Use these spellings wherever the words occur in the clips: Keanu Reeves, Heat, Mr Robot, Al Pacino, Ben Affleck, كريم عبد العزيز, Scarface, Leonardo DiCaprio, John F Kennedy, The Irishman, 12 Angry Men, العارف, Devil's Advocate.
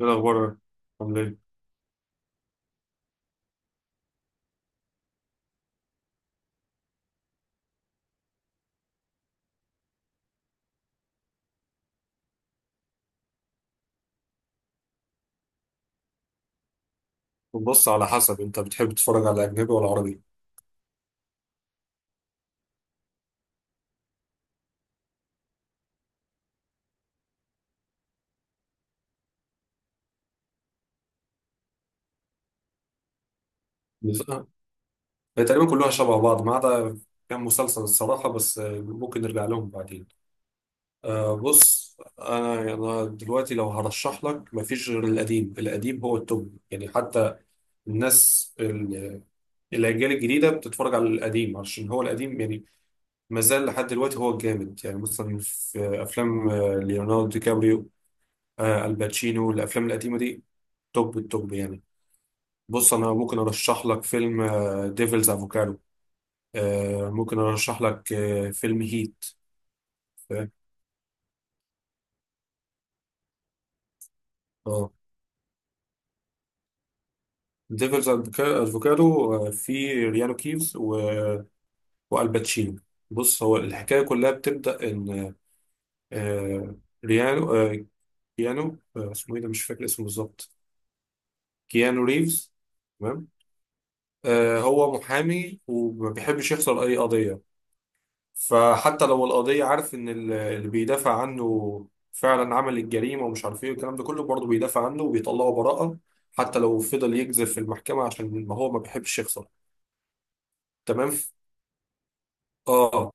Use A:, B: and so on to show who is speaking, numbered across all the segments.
A: ايه الاخبار؟ عامل ايه؟ بص، على حسب انت بتحب تتفرج على اجنبي ولا عربي؟ بس- آه، هي تقريبا كلها شبه بعض، ما عدا كام مسلسل الصراحه، بس ممكن نرجع لهم بعدين. بص، انا دلوقتي لو هرشح لك مفيش غير القديم القديم، هو التوب يعني. حتى الناس ال- الاجيال الجديده بتتفرج على القديم عشان هو القديم يعني، ما زال لحد دلوقتي هو الجامد. يعني مثلا في افلام ليوناردو دي كابريو، الباتشينو، الافلام القديمه دي توب التوب يعني. بص انا ممكن ارشح لك فيلم ديفلز افوكادو، ممكن ارشح لك فيلم هيت. اه، ديفلز افوكادو في ريانو كيفز و- والباتشينو. بص، هو الحكايه كلها بتبدا ان آه، ريانو آه، كيانو، اسمه ايه ده، مش فاكر اسمه بالظبط، كيانو ريفز. تمام. هو محامي وما بيحبش يخسر اي قضيه. فحتى لو القضية، عارف إن اللي بيدافع عنه فعلا عمل الجريمة ومش عارف إيه والكلام ده كله، برضه بيدافع عنه وبيطلعه براءة، حتى لو فضل يكذب في المحكمة، عشان ما هو ما بيحبش يخسر. تمام. آه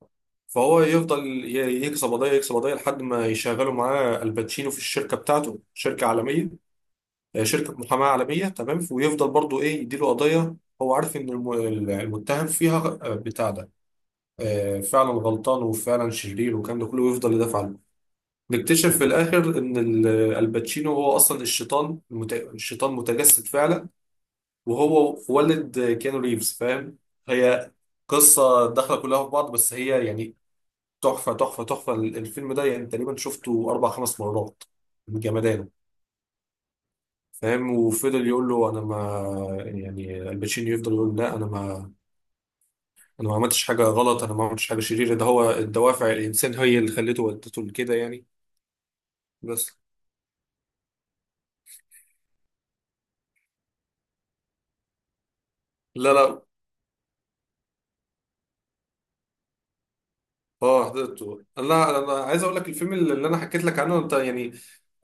A: فهو يفضل يكسب قضية يكسب قضية لحد ما يشغلوا معاه الباتشينو في الشركة بتاعته، شركة عالمية، شركة محاماة عالمية. تمام. ويفضل برضه، إيه، يديله قضية هو عارف إن المتهم فيها بتاع ده فعلا غلطان وفعلا شرير والكلام ده كله، ويفضل يدافع عنه. نكتشف في الاخر ان الباتشينو هو اصلا الشيطان، الشيطان متجسد فعلا، وهو والد كيانو ريفز، فاهم؟ هي قصه داخله كلها في بعض بس هي يعني تحفه تحفه تحفه. الفيلم ده يعني تقريبا شفته اربع خمس مرات من جمدانه، فاهم. وفضل يقول له انا ما، يعني الباتشينو يفضل يقول لا انا ما، انا ما عملتش حاجه غلط، انا ما عملتش حاجه شريره، ده هو الدوافع، الانسان هي اللي خلته ودته لكده يعني. بس لا لا. اه حضرته. لا، انا عايز اقول لك الفيلم اللي انا حكيت لك عنه انت يعني،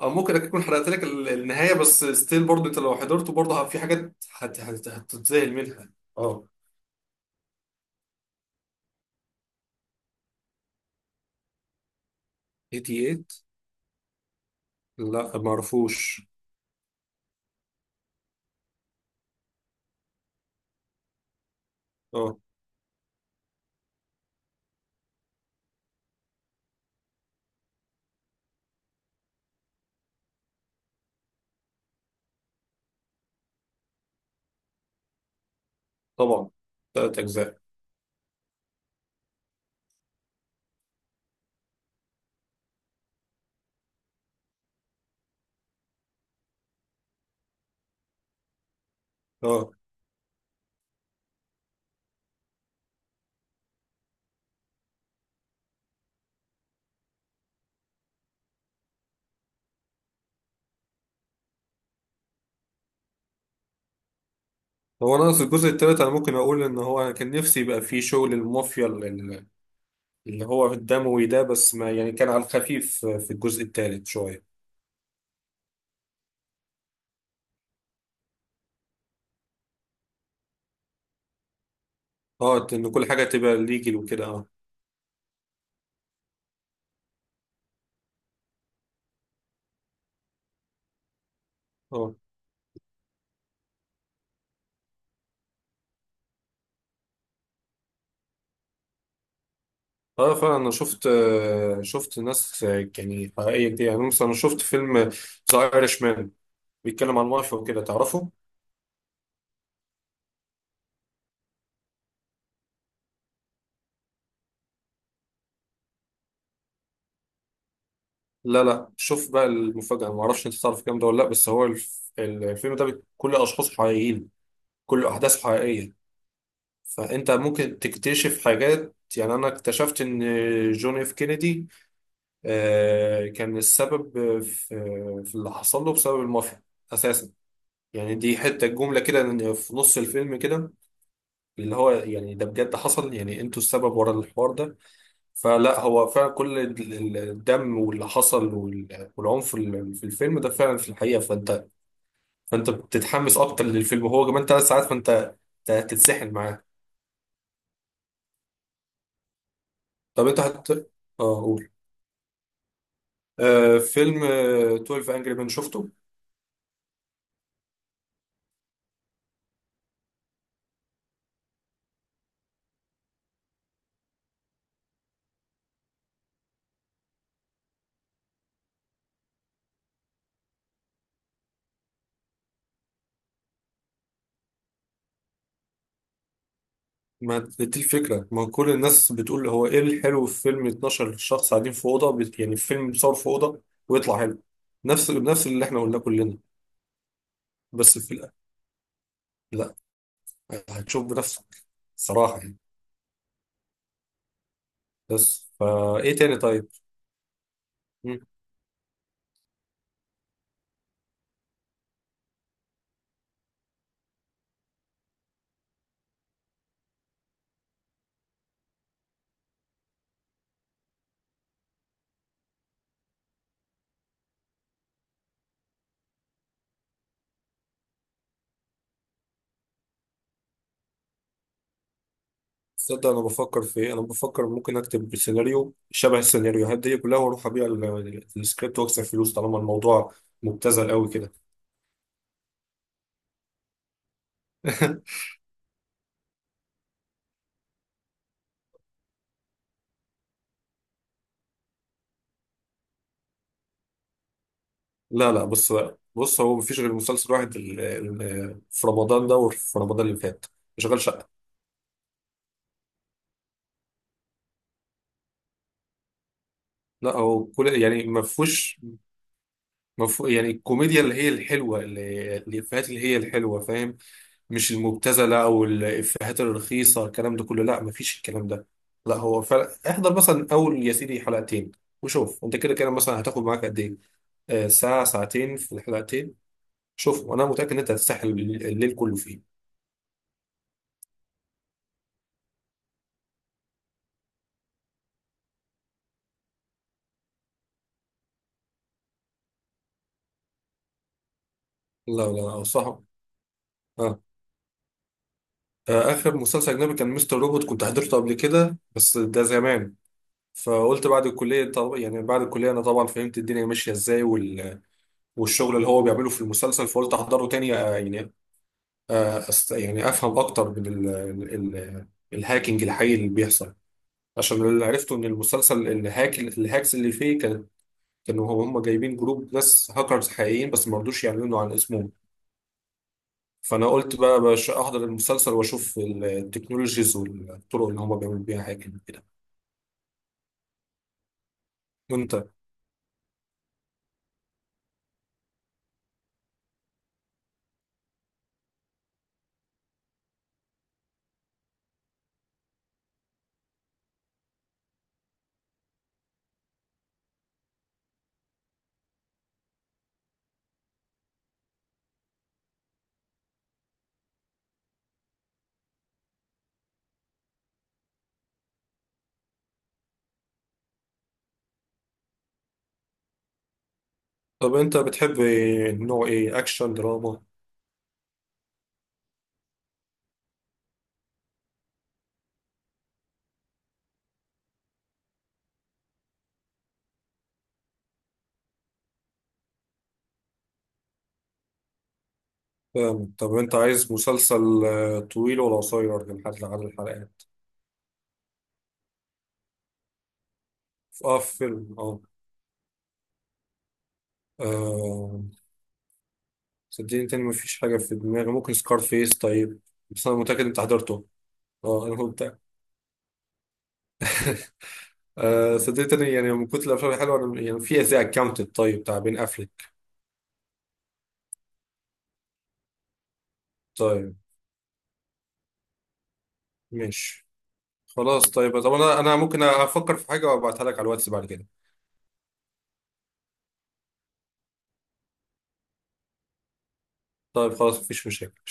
A: ممكن اكون حرقت لك النهايه، بس ستيل برضه انت لو حضرته، برضه في حاجات هتتذهل منها. اه. 88؟ لا ما اعرفوش. اه طبعا، ثلاث اجزاء. اه. هو انا في الجزء الثالث انا ممكن اقول ان هو، انا كان نفسي يبقى فيه شغل المافيا، اللي هو الدموي ده، بس ما يعني كان على الخفيف في الجزء الثالث شويه. اه، ان كل حاجه تبقى ليجل وكده. اه. اه. اه فعلا، انا شفت، شفت ناس يعني حقيقيه كتير، يعني مثلا انا شفت فيلم ذا ايرش مان، بيتكلم عن مافيا وكده، تعرفه؟ لا لا، شوف بقى المفاجاه، انا ما اعرفش انت تعرف الكلام ده ولا لا، بس هو الفيلم ده كل اشخاصه حقيقيين، كل احداثه حقيقيه. فانت ممكن تكتشف حاجات، يعني انا اكتشفت ان جون اف كينيدي كان السبب في اللي حصل له بسبب المافيا اساسا. يعني دي حته جمله كده في نص الفيلم كده، اللي هو يعني ده بجد حصل يعني، انتوا السبب ورا الحوار ده. فلا هو فعلا كل الدم واللي حصل والعنف في الفيلم ده فعلا في الحقيقة. فانت بتتحمس اكتر للفيلم، هو كمان 3 ساعات، فانت أنت هتتسحل معاه. طب انت هت اه قول. فيلم 12 انجري مان، شفته؟ ما دي الفكرة، ما كل الناس بتقول هو ايه الحلو في فيلم 12 شخص قاعدين في أوضة، يعني فيلم بيصور في أوضة ويطلع حلو. نفس اللي احنا قلناه كلنا. بس في الأ- لا، هتشوف بنفسك صراحة يعني. بس فا، إيه تاني طيب؟ مم. تصدق أنا بفكر في إيه؟ أنا بفكر ممكن أكتب سيناريو شبه السيناريوهات دي كلها وأروح أبيع السكريبت وأكسب فلوس، طالما الموضوع مبتذل أوي كده. لا لا. بص، بص هو مفيش غير مسلسل واحد، في رمضان ده وفي رمضان اللي فات، شغال شقة. لا هو كل يعني ما فيهوش، ما فيه- يعني الكوميديا اللي هي الحلوة، اللي الإفيهات اللي هي الحلوة، فاهم؟ مش المبتذله او الافيهات الرخيصه، الكلام ده كله، لا مفيش الكلام ده. لا هو فعلا، احضر مثلا اول يا سيدي حلقتين، وشوف انت كده كده مثلا هتاخد معاك قد ايه، ساعه ساعتين في الحلقتين، شوف، وانا متاكد ان انت هتستحمل الليل، الليل كله فيه. لا لا لا، انصحك. آه. اخر مسلسل اجنبي كان مستر روبوت، كنت حضرته قبل كده بس ده زمان. فقلت بعد الكليه، طب يعني بعد الكليه انا طبعا فهمت الدنيا ماشيه ازاي والشغل اللي هو بيعمله في المسلسل، فقلت احضره تاني يعني افهم اكتر من الهاكينج الحقيقي اللي بيحصل. عشان اللي عرفته ان المسلسل الهاكس اللي فيه كانوا هم جايبين جروب ناس هاكرز حقيقيين بس ما رضوش يعلنوا عن اسمهم. فانا قلت بقى باش احضر المسلسل واشوف التكنولوجيز والطرق اللي هم بيعملوا بيها هاكينج كده. وانت؟ طب انت بتحب نوع ايه، اكشن، دراما؟ فاهم. طب انت عايز مسلسل طويل ولا قصير، من حد عدد الحلقات؟ اه، فيلم آه. صدقني تاني مفيش حاجة في دماغي، ممكن سكار فيس طيب، بس أنا متأكد أنت حضرته. اه، أنا متأكد. صدقني تاني، يعني من كتر الأفلام الحلوة أنا، يعني في زي أكاونتد طيب، بتاع بين أفليك. طيب، ماشي. خلاص طيب. طب أنا ممكن أفكر في حاجة وأبعتها لك على الواتس بعد كده. طيب خلاص، مفيش مشاكل.